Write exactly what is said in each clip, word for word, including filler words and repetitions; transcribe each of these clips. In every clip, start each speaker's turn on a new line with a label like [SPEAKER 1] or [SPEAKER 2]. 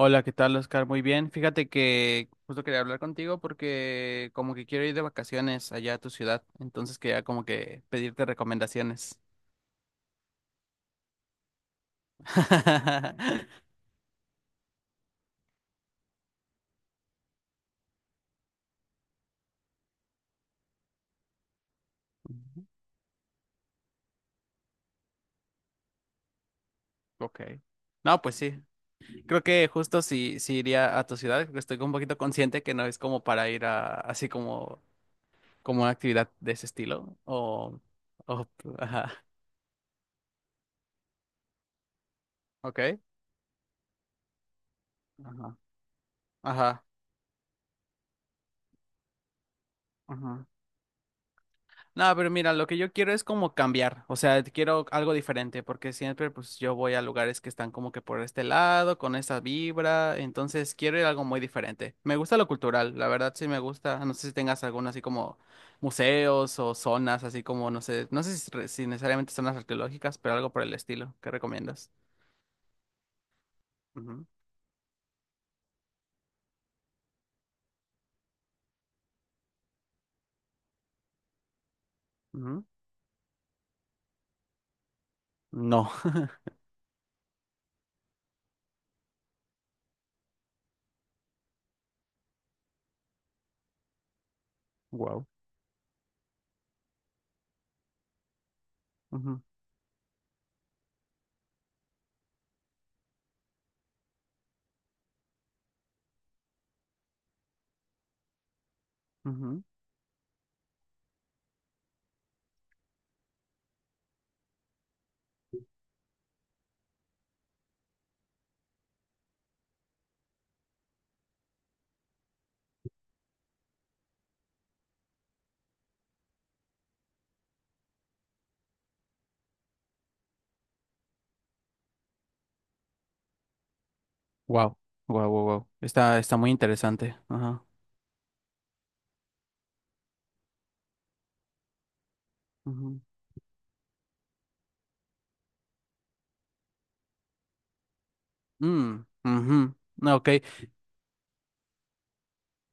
[SPEAKER 1] Hola, ¿qué tal, Oscar? Muy bien. Fíjate que justo quería hablar contigo porque como que quiero ir de vacaciones allá a tu ciudad, entonces quería como que pedirte recomendaciones. Ujú. Ok. No, pues sí. Creo que justo si, si iría a tu ciudad, porque estoy un poquito consciente que no es como para ir a así como, como una actividad de ese estilo. O, o ajá. Ok. Ajá. Ajá. Ajá. No, pero mira, lo que yo quiero es como cambiar, o sea, quiero algo diferente, porque siempre pues yo voy a lugares que están como que por este lado, con esta vibra, entonces quiero ir a algo muy diferente. Me gusta lo cultural, la verdad sí me gusta, no sé si tengas algún así como museos o zonas, así como, no sé, no sé si, re- si necesariamente zonas arqueológicas, pero algo por el estilo, ¿qué recomiendas? Ujú, ujú. No. Wow. Ujú, ujú. Wow. Wow, wow, wow. Está, está muy interesante. Ajá. Ujú. Mm, ujú. No, ok.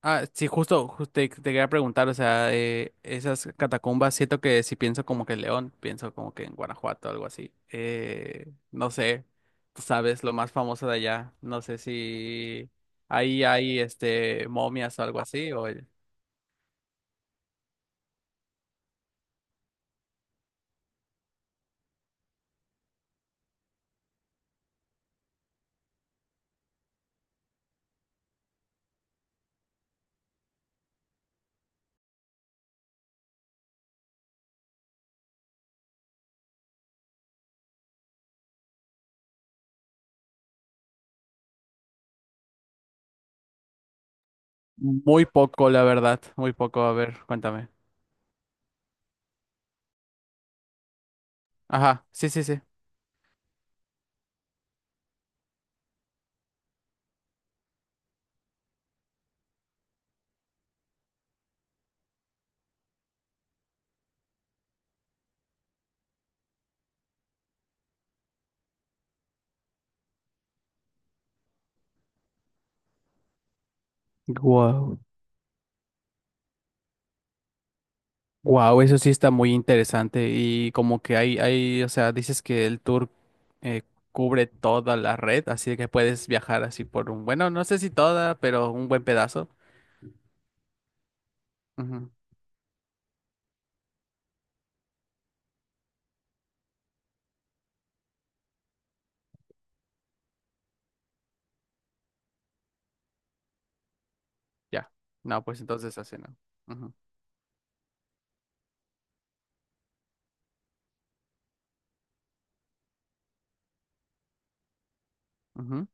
[SPEAKER 1] Ah, sí, justo, justo te, te quería preguntar, o sea, eh, esas catacumbas, siento que si pienso como que en León, pienso como que en Guanajuato o algo así. Eh, no sé, tú sabes, lo más famoso de allá, no sé si ahí hay este momias o algo así, o muy poco, la verdad, muy poco, a ver, cuéntame. Ajá, sí, sí, sí. Guau. Wow, eso sí está muy interesante y como que hay, hay, o sea, dices que el tour eh, cubre toda la red, así que puedes viajar así por un, bueno, no sé si toda, pero un buen pedazo. Ujú. Ya. No, pues entonces así no. Ujú, ujú.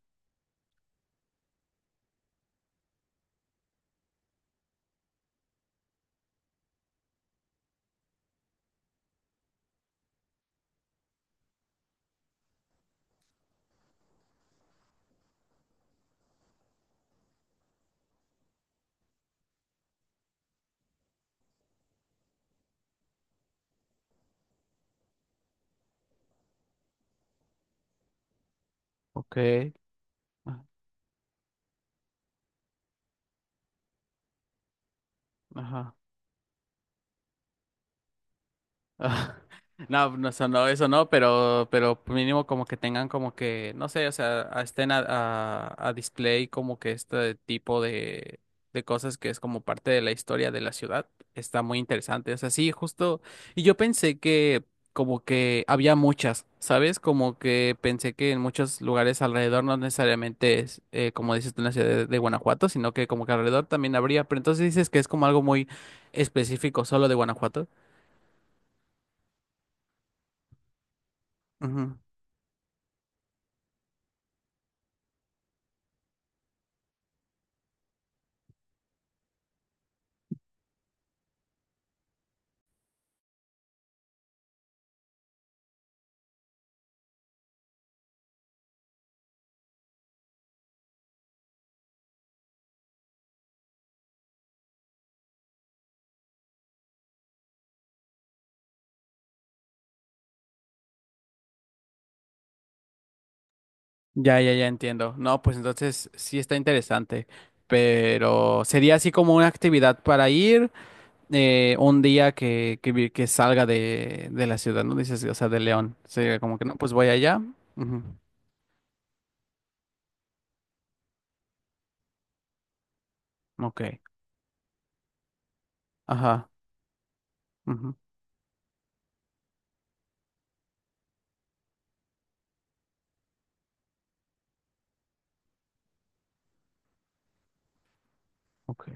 [SPEAKER 1] Ok. Ah, ajá. Ah, No, no, eso no, eso no, pero, pero mínimo como que tengan como que, no sé, o sea, a- estén a, a, a display como que este tipo de, de cosas que es como parte de la historia de la ciudad. Está muy interesante. O sea, sí, justo. Y yo pensé que como que había muchas, ¿sabes? Como que pensé que en muchos lugares alrededor no necesariamente es, eh, como dices tú, en la ciudad de, de Guanajuato, sino que como que alrededor también habría. Pero entonces dices que es como algo muy específico solo de Guanajuato. Ya, ya, ya entiendo. No, pues entonces sí está interesante, pero sería así como una actividad para ir eh, un día que, que, vi- que salga de, de la ciudad, ¿no? Dices, o sea, de León. Sería como que no, pues voy allá. Ujú. Ok. Ajá. Ujú. Ok.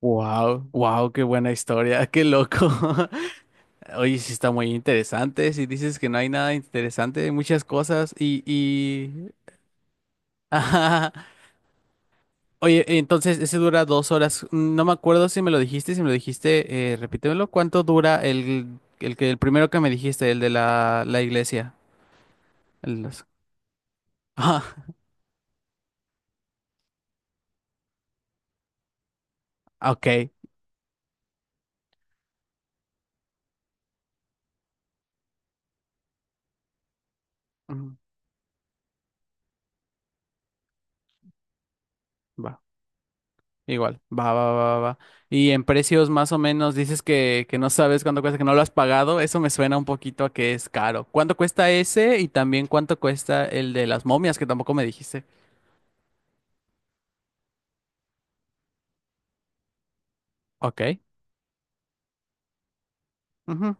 [SPEAKER 1] Wow, wow, qué buena historia, qué loco. Oye, sí está muy interesante. Si dices que no hay nada interesante, hay muchas cosas y, y... Oye, entonces ese dura dos horas. No me acuerdo si me lo dijiste, si me lo dijiste, eh, repítemelo. ¿Cuánto dura el, el que el primero que me dijiste, el de la, la iglesia? El- los- Ah, ok. Ujú. Va, igual. Va, va, va, va. va. Y en precios más o menos dices que, que no sabes cuánto cuesta, que no lo has pagado. Eso me suena un poquito a que es caro. ¿Cuánto cuesta ese? Y también cuánto cuesta el de las momias, que tampoco me dijiste. Ok. Ujú.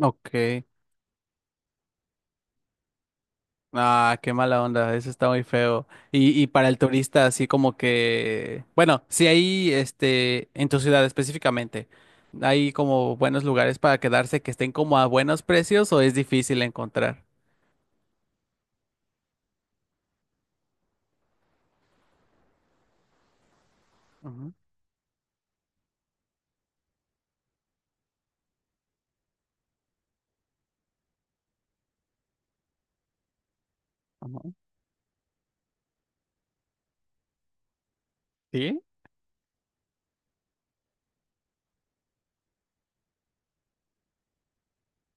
[SPEAKER 1] Ok. Ah, qué mala onda, eso está muy feo. Y, y para el turista, así como que, bueno, si hay, este, en tu ciudad específicamente, ¿hay como buenos lugares para quedarse que estén como a buenos precios o es difícil encontrar? Ujú, ujú. ¿Sí?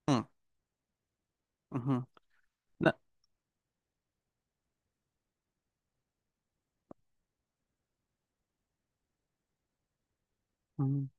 [SPEAKER 1] Mm, ujú. No.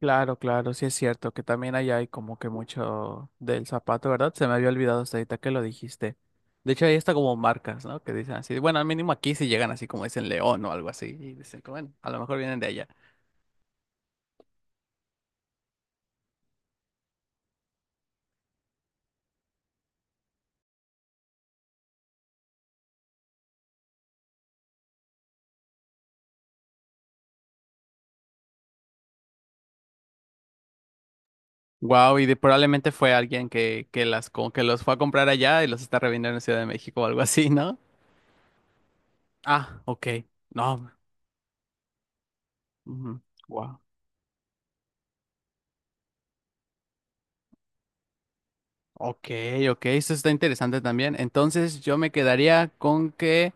[SPEAKER 1] Claro, claro, sí es cierto que también allá hay como que mucho del zapato, ¿verdad? Se me había olvidado hasta ahorita que lo dijiste. De hecho, ahí está como marcas, ¿no? Que dicen así, bueno, al mínimo aquí sí llegan así como dicen León o algo así, y dicen, que, bueno, a lo mejor vienen de allá. Wow, y de- probablemente fue alguien que, que las como que los fue a comprar allá y los está revendiendo en Ciudad de México o algo así, ¿no? Ah, ok. No. Wow. Ok, ok. Eso está interesante también. Entonces yo me quedaría con que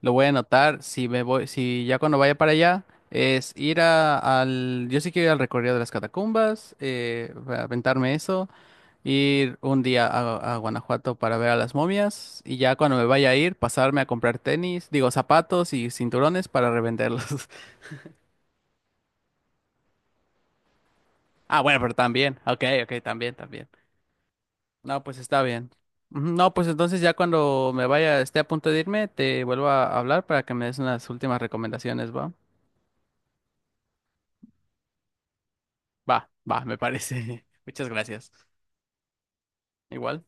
[SPEAKER 1] lo voy a anotar. Si me voy, si ya cuando vaya para allá, es ir a- al. Yo sí quiero ir al recorrido de las catacumbas, eh, a aventarme eso, ir un día a, a Guanajuato para ver a las momias. Y ya cuando me vaya a ir, pasarme a comprar tenis, digo zapatos y cinturones para revenderlos. Ah, bueno, pero también. Ok, ok, también, también. No, pues está bien. Ujú. No, pues entonces ya cuando me vaya, esté a punto de irme, te vuelvo a hablar para que me des unas últimas recomendaciones, ¿va? Va, va, me parece. Muchas gracias. Igual.